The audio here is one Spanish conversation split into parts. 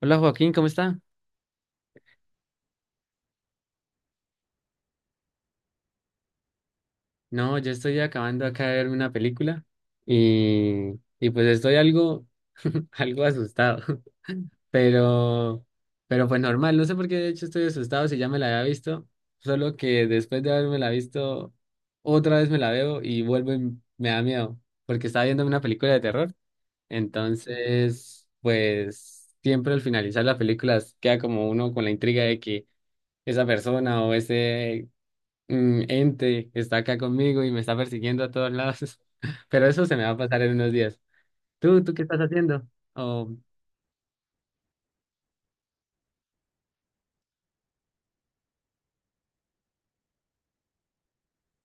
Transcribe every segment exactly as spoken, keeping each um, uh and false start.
Hola Joaquín, ¿cómo está? No, yo estoy acabando acá de ver una película y, y pues estoy algo, algo asustado, pero, pero pues normal, no sé por qué de hecho estoy asustado si ya me la había visto, solo que después de haberme la visto, otra vez me la veo y vuelvo y me da miedo, porque estaba viendo una película de terror, entonces pues siempre al finalizar la película queda como uno con la intriga de que esa persona o ese mm, ente está acá conmigo y me está persiguiendo a todos lados. Pero eso se me va a pasar en unos días. ¿Tú, tú qué estás haciendo? Oh,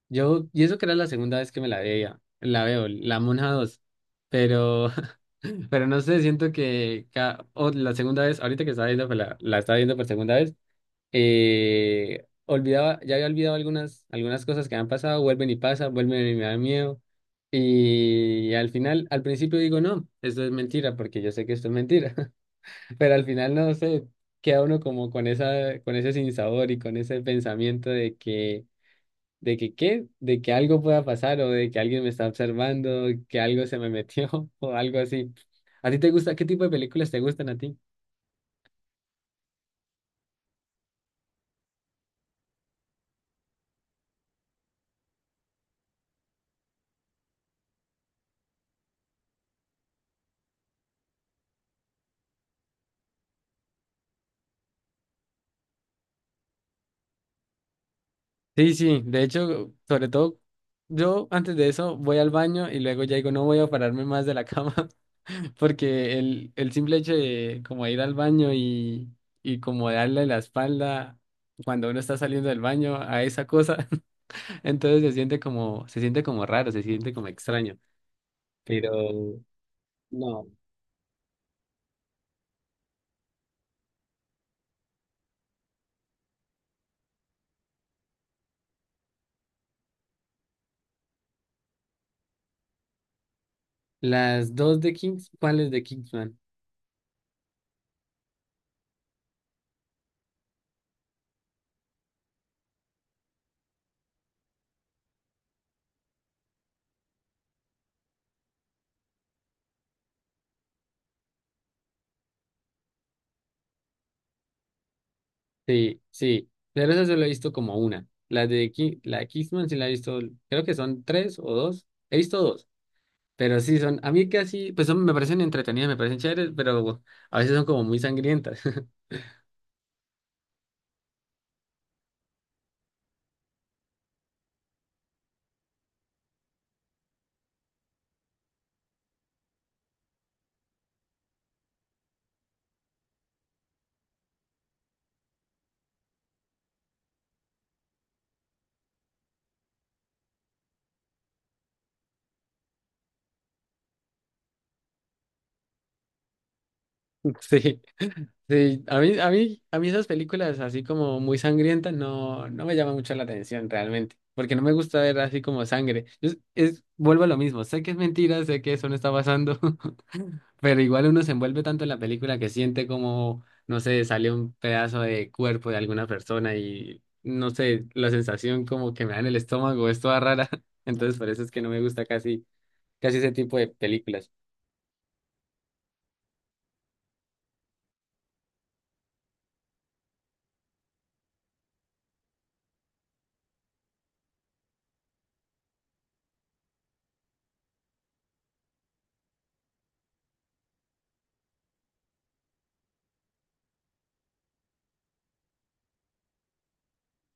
yo, y eso que era la segunda vez que me la veía, la veo, la Monja dos. Pero, pero no sé, siento que ca- o la segunda vez, ahorita que estaba viendo, pues, la, la estaba viendo por segunda vez, eh, olvidaba, ya había olvidado algunas, algunas cosas que han pasado, vuelven y pasan, vuelven y me da miedo. Y al final, al principio digo, no, esto es mentira, porque yo sé que esto es mentira. Pero al final no sé, queda uno como con esa, con ese sinsabor y con ese pensamiento de que, de que qué, de que algo pueda pasar o de que alguien me está observando, que algo se me metió o algo así. ¿A ti te gusta? ¿Qué tipo de películas te gustan a ti? Sí, sí, de hecho, sobre todo, yo antes de eso voy al baño y luego ya digo, no voy a pararme más de la cama, porque el, el simple hecho de como ir al baño y, y como darle la espalda cuando uno está saliendo del baño a esa cosa, entonces se siente como, se siente como raro, se siente como extraño. Pero no, las dos de Kings, ¿cuáles de Kingsman? Sí, sí, pero esa solo he visto como una. La de Ki- la de Kingsman sí la he visto, creo que son tres o dos. He visto dos, pero sí son, a mí casi, pues son, me parecen entretenidas, me parecen chéveres, pero a veces son como muy sangrientas. Sí, sí, a mí, a mí, a mí esas películas así como muy sangrientas no, no me llaman mucho la atención realmente, porque no me gusta ver así como sangre. Es, es, vuelvo a lo mismo, sé que es mentira, sé que eso no está pasando. Pero igual uno se envuelve tanto en la película que siente como, no sé, sale un pedazo de cuerpo de alguna persona y, no sé, la sensación como que me da en el estómago es toda rara. Entonces por eso es que no me gusta casi, casi ese tipo de películas.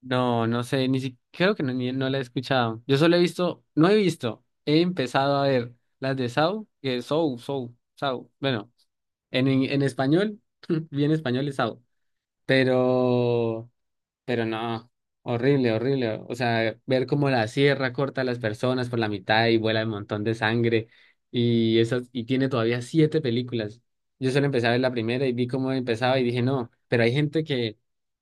No, no sé, ni siquiera, creo que no, ni- no la he escuchado. Yo solo he visto, no he visto, he empezado a ver las de Saw, que es Saw, Saw, Saw. Bueno, en, en, en español, bien español es Saw, pero... Pero no, horrible, horrible. O sea, ver cómo la sierra corta a las personas por la mitad y vuela un montón de sangre. Y esas, y tiene todavía siete películas. Yo solo empecé a ver la primera y vi cómo empezaba y dije, no, pero hay gente que,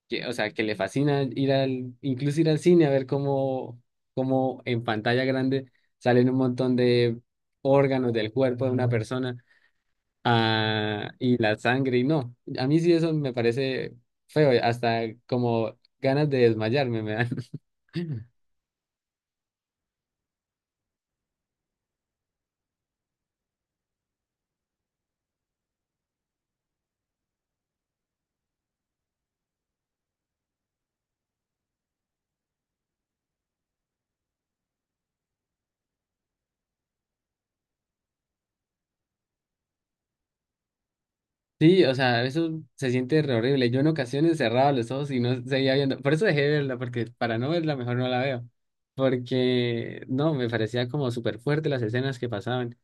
que, o sea, que le fascina ir al, incluso ir al cine a ver cómo, cómo en pantalla grande salen un montón de órganos del cuerpo de una persona. Ah, y la sangre, y no. A mí sí eso me parece feo, hasta como ganas de desmayarme me dan. Sí, o sea, eso se siente re horrible. Yo en ocasiones cerraba los ojos y no seguía viendo. Por eso dejé de verla, porque para no verla mejor no la veo. Porque no, me parecía como súper fuerte las escenas que pasaban.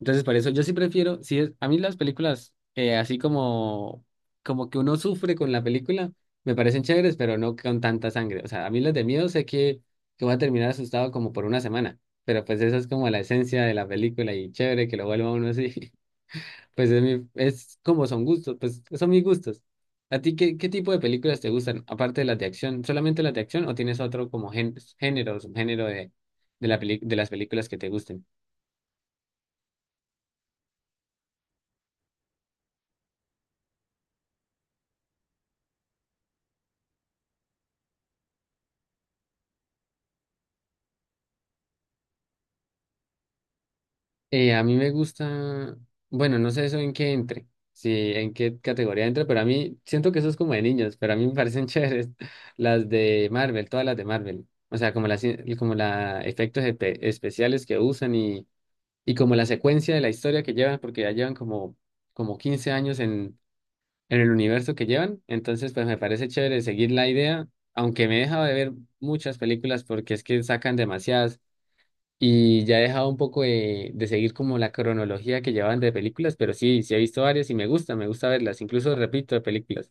Entonces, por eso yo sí prefiero, si es, a mí las películas, eh, así como, como que uno sufre con la película, me parecen chéveres, pero no con tanta sangre. O sea, a mí las de miedo sé que, que voy a terminar asustado como por una semana, pero pues esa es como la esencia de la película y chévere que lo vuelva uno así. Pues es, mi, es como son gustos, pues son mis gustos. ¿A ti qué, qué tipo de películas te gustan, aparte de las de acción? ¿Solamente las de acción o tienes otro como gén- género o subgénero de, de, la peli- de las películas que te gusten? Eh, a mí me gusta, bueno, no sé eso en qué entre, si en qué categoría entre, pero a mí siento que eso es como de niños, pero a mí me parecen chéveres las de Marvel, todas las de Marvel. O sea, como las cien- como la efectos espe- especiales que usan y, y como la secuencia de la historia que llevan, porque ya llevan como, como quince años en, en el universo que llevan. Entonces, pues me parece chévere seguir la idea, aunque me he dejado de ver muchas películas porque es que sacan demasiadas. Y ya he dejado un poco de, de seguir como la cronología que llevaban de películas, pero sí, sí he visto varias y me gusta, me gusta verlas, incluso repito de películas.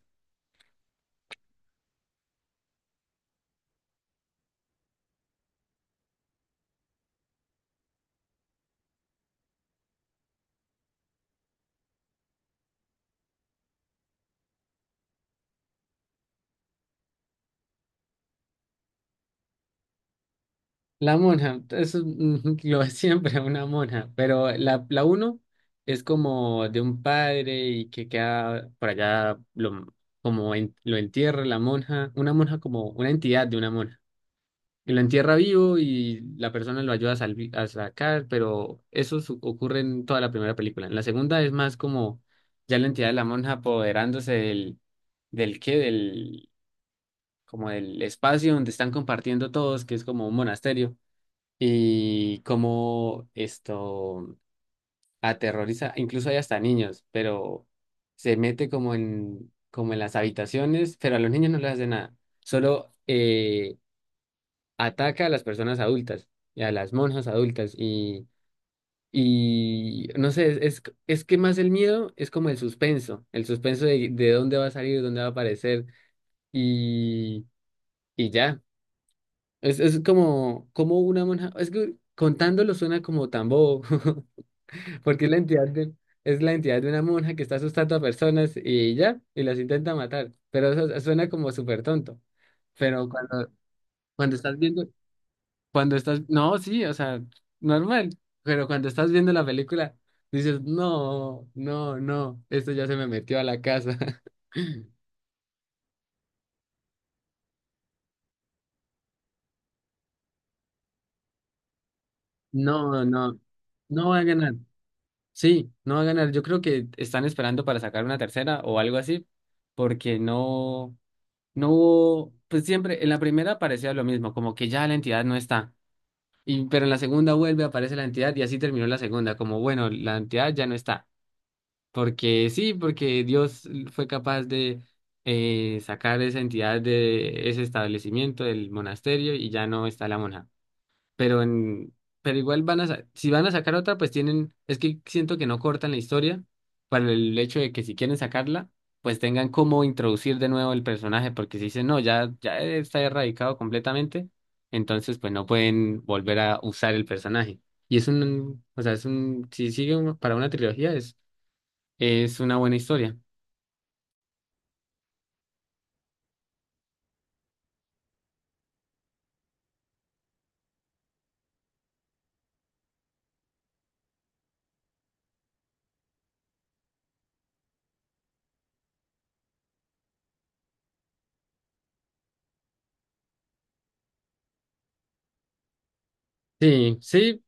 La monja, eso es mm, lo es siempre, una monja, pero la, la uno es como de un padre y que queda por allá, lo, como en- lo entierra la monja, una monja como una entidad de una monja. Y lo entierra vivo y la persona lo ayuda a, salvi- a sacar, pero eso su- ocurre en toda la primera película. En la segunda es más como ya la entidad de la monja apoderándose del, del qué, del, como del espacio donde están compartiendo todos, que es como un monasterio, y como esto aterroriza, incluso hay hasta niños, pero se mete como en, como en las habitaciones, pero a los niños no les hace nada. Solo eh, ataca a las personas adultas y a las monjas adultas y, y no sé, es, es que más el miedo es como el suspenso, el suspenso de, de dónde va a salir, dónde va a aparecer y, y ya. Es, es como, como una monja, es que contándolo suena como tan bobo, porque es la entidad de, es la entidad de una monja que está asustando a personas y ya, y las intenta matar, pero eso suena como súper tonto. Pero cuando, cuando estás viendo, cuando estás, no, sí, o sea, normal, pero cuando estás viendo la película, dices, no, no, no, esto ya se me metió a la casa. No, no, no va a ganar. Sí, no va a ganar. Yo creo que están esperando para sacar una tercera o algo así, porque no, no hubo, pues siempre, en la primera parecía lo mismo, como que ya la entidad no está. Y, pero en la segunda vuelve, aparece la entidad y así terminó la segunda, como bueno, la entidad ya no está. Porque sí, porque Dios fue capaz de eh, sacar esa entidad de ese establecimiento, del monasterio, y ya no está la monja. Pero en, pero igual van a, sa- si van a sacar otra, pues tienen, es que siento que no cortan la historia para el hecho de que si quieren sacarla, pues tengan cómo introducir de nuevo el personaje, porque si dicen, no, ya, ya está erradicado completamente, entonces pues no pueden volver a usar el personaje. Y es un, o sea, es un, si sigue uno- para una trilogía, es una buena historia. Sí, sí,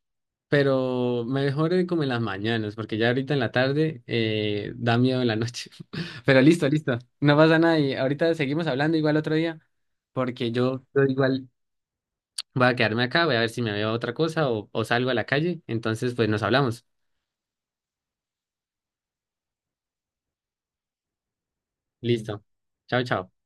pero mejor eh, como en las mañanas, porque ya ahorita en la tarde eh, da miedo en la noche. Pero listo, listo. No pasa nada y ahorita seguimos hablando igual otro día, porque yo, yo igual voy a quedarme acá, voy a ver si me veo otra cosa o, o salgo a la calle. Entonces, pues nos hablamos. Listo. Chao, chao.